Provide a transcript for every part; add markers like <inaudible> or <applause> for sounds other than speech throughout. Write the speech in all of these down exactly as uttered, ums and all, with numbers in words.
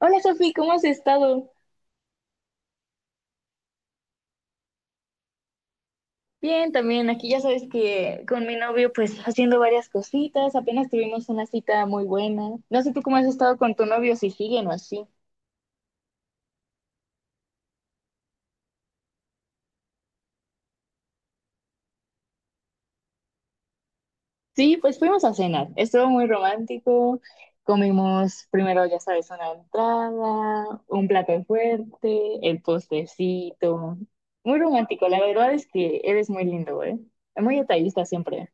Hola Sofi, ¿cómo has estado? Bien, también aquí ya sabes que con mi novio pues haciendo varias cositas, apenas tuvimos una cita muy buena. No sé tú cómo has estado con tu novio, si siguen o así. Sí, pues fuimos a cenar, estuvo muy romántico, comimos primero ya sabes una entrada, un plato fuerte, el postrecito. Muy romántico, la verdad es que eres muy lindo, ¿eh? Muy detallista siempre.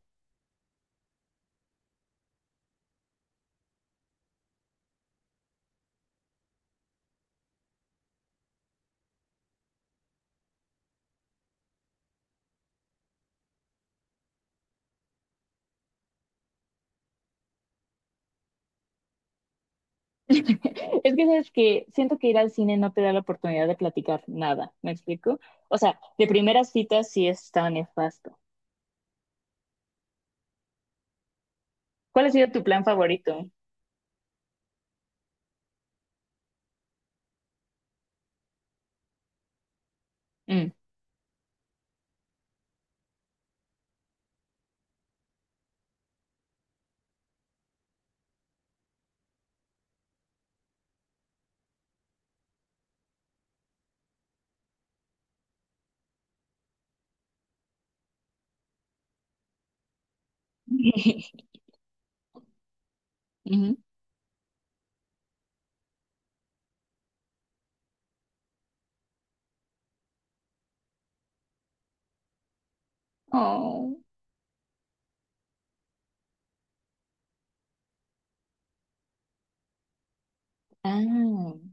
Es que sabes que siento que ir al cine no te da la oportunidad de platicar nada, ¿me explico? O sea, de primeras citas sí está nefasto. ¿Cuál ha sido tu plan favorito? Mm. <laughs> Ujú. Oh. Ah.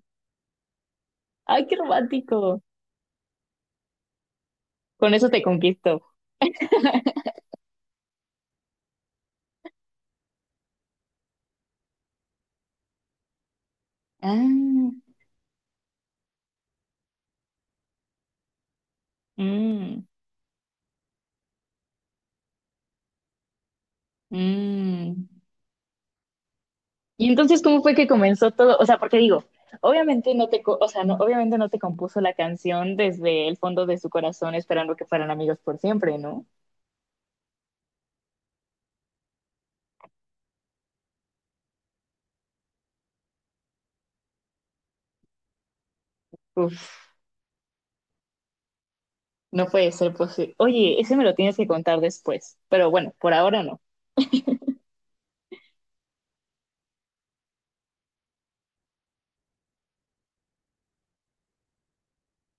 Ay, qué romántico. Con eso te conquisto. Ah. Mm. Mm. Y entonces, ¿cómo fue que comenzó todo? O sea, porque digo, obviamente no te, co- o sea, no, obviamente no te compuso la canción desde el fondo de su corazón esperando que fueran amigos por siempre, ¿no? Uf. No puede ser posible. Oye, ese me lo tienes que contar después. Pero bueno, por ahora no.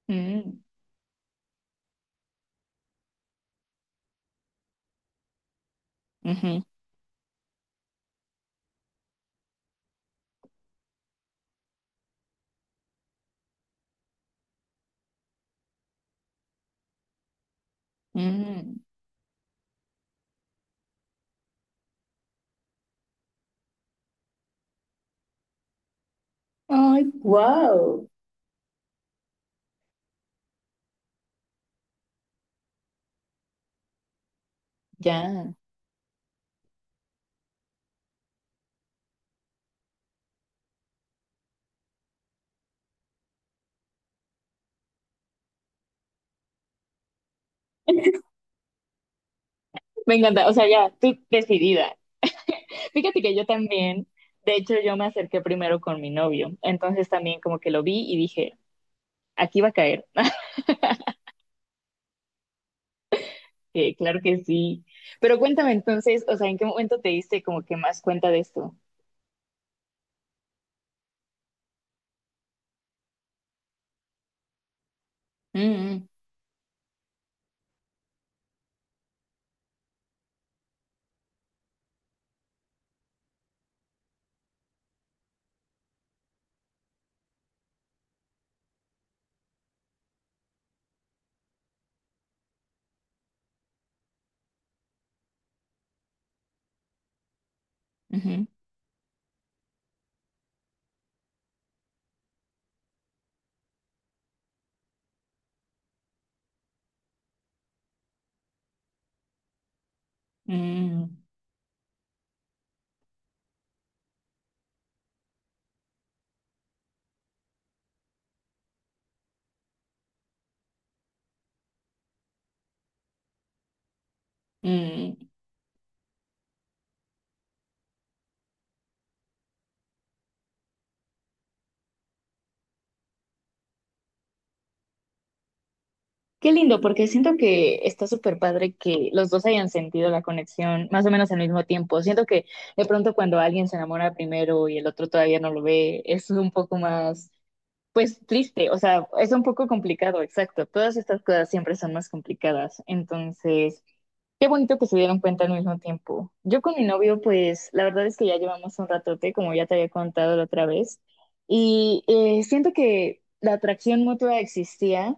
Mm, ujú, mm. Ay, wow. Ya. <laughs> Me encanta. O sea, ya, tú decidida. <laughs> Fíjate que yo también, de hecho, yo me acerqué primero con mi novio. Entonces también como que lo vi y dije, aquí va a caer. <laughs> Eh, claro que sí. Pero cuéntame entonces, o sea, ¿en qué momento te diste como que más cuenta de esto? Mm, ujú, mm, mm. Qué lindo, porque siento que está súper padre que los dos hayan sentido la conexión más o menos al mismo tiempo. Siento que de pronto cuando alguien se enamora primero y el otro todavía no lo ve, es un poco más, pues triste, o sea, es un poco complicado, exacto. Todas estas cosas siempre son más complicadas. Entonces, qué bonito que se dieron cuenta al mismo tiempo. Yo con mi novio, pues la verdad es que ya llevamos un ratote, como ya te había contado la otra vez, y eh, siento que la atracción mutua existía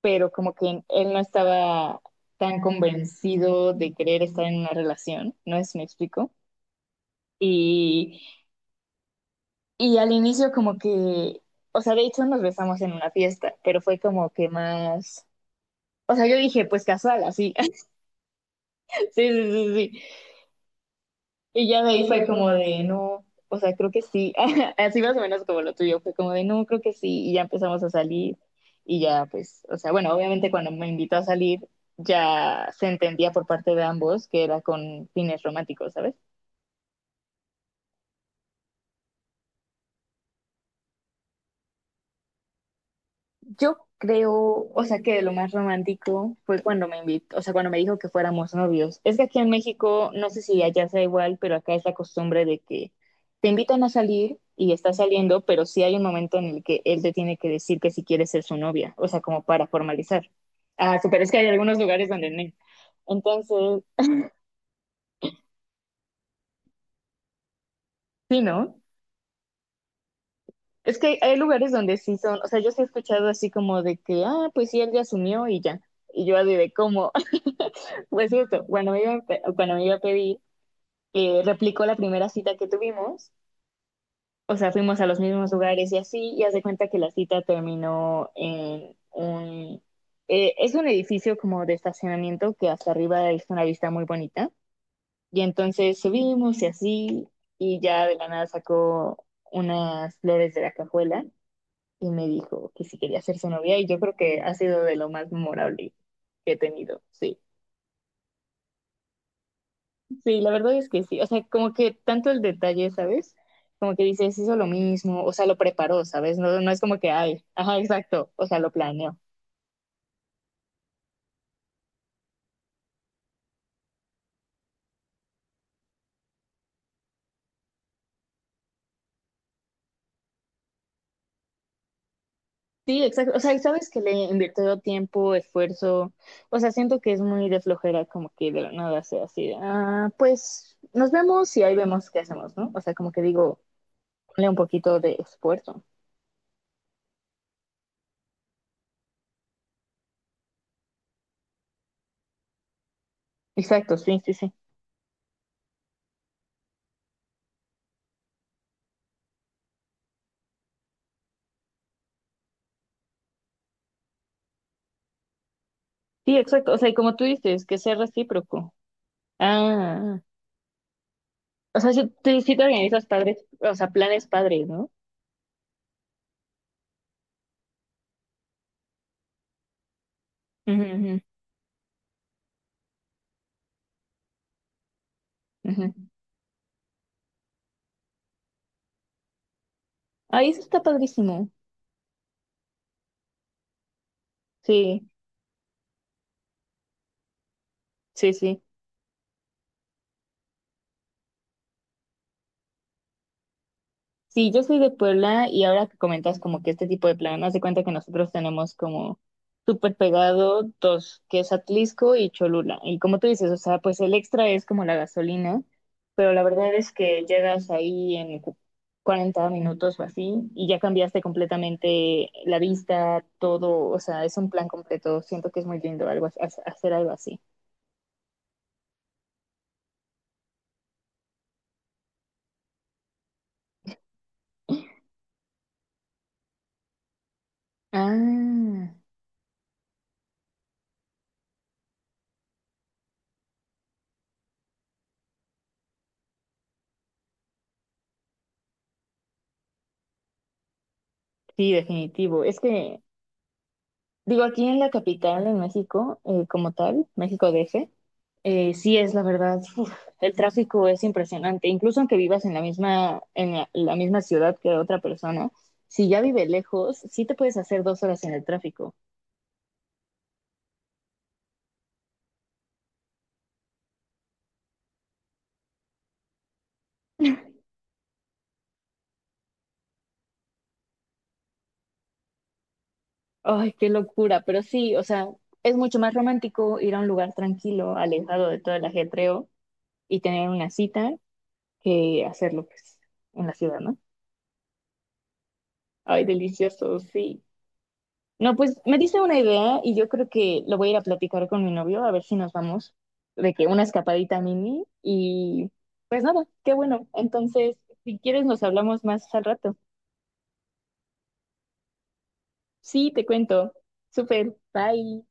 pero como que él no estaba tan convencido de querer estar en una relación, no es me explico. Y, y al inicio como que, o sea, de hecho nos besamos en una fiesta, pero fue como que más, o sea, yo dije, pues casual, así, <laughs> sí, sí, sí, sí, y ya de ahí fue como de, no, o sea, creo que sí. <laughs> Así más o menos como lo tuyo, fue como de, no, creo que sí. Y ya empezamos a salir. Y ya, pues, o sea, bueno, obviamente cuando me invitó a salir, ya se entendía por parte de ambos que era con fines románticos, ¿sabes? Yo creo, o sea, que lo más romántico fue cuando me invitó, o sea, cuando me dijo que fuéramos novios. Es que aquí en México, no sé si allá sea igual, pero acá es la costumbre de que te invitan a salir y estás saliendo, pero sí hay un momento en el que él te tiene que decir que si quieres ser su novia, o sea, como para formalizar. Ah, sí, pero es que hay algunos lugares donde no. Entonces, sí, ¿no? Es que hay lugares donde sí son, o sea, yo sí he escuchado así como de que, ah, pues sí, él ya asumió y ya. Y yo así de cómo. <laughs> Pues cierto, cuando me iba, a pe- cuando me iba a pedir, eh, replicó la primera cita que tuvimos, o sea, fuimos a los mismos lugares y así, y hace cuenta que la cita terminó en un... eh, es un edificio como de estacionamiento que hasta arriba es una vista muy bonita. Y entonces subimos y así, y ya de la nada sacó unas flores de la cajuela y me dijo que si quería ser su novia y yo creo que ha sido de lo más memorable que he tenido, sí. Sí, la verdad es que sí, o sea, como que tanto el detalle, ¿sabes? Como que dices, hizo lo mismo, o sea, lo preparó, ¿sabes? No, no es como que, ay, ajá, exacto, o sea, lo planeó. Sí, exacto, o sea, y sabes que le invirtió tiempo, esfuerzo, o sea, siento que es muy de flojera como que de la nada sea así, de, ah, pues nos vemos y ahí vemos qué hacemos, ¿no? O sea, como que digo, ponle un poquito de esfuerzo. Exacto, sí, sí, sí. Sí, exacto. O sea, y como tú dices, que sea recíproco. Ah, o sea, si tú sí te organizas padres, o sea, planes padres, ¿no? Ujú, ujú, ujú. Ahí eso está padrísimo. Sí, sí, sí. Sí, yo soy de Puebla y ahora que comentas como que este tipo de plan, haz de cuenta que nosotros tenemos como súper pegado dos, que es Atlisco y Cholula. Y como tú dices, o sea, pues el extra es como la gasolina, pero la verdad es que llegas ahí en cu- cuarenta minutos o así y ya cambiaste completamente la vista, todo, o sea, es un plan completo. Siento que es muy lindo algo, as- hacer algo así. Ah, sí, definitivo. Es que digo, aquí en la capital, en México, eh, como tal, México D F, eh, sí es la verdad, uf, el tráfico es impresionante. Incluso aunque vivas en la misma, en la, la misma ciudad que otra persona, si ya vive lejos, sí te puedes hacer dos horas en el tráfico. Ay, qué locura, pero sí, o sea, es mucho más romántico ir a un lugar tranquilo, alejado de todo el ajetreo y tener una cita que hacerlo, pues, en la ciudad, ¿no? Ay, delicioso, sí. No, pues me dice una idea y yo creo que lo voy a ir a platicar con mi novio a ver si nos vamos de que una escapadita mini y pues nada, qué bueno. Entonces, si quieres nos hablamos más al rato. Sí, te cuento. Súper, bye.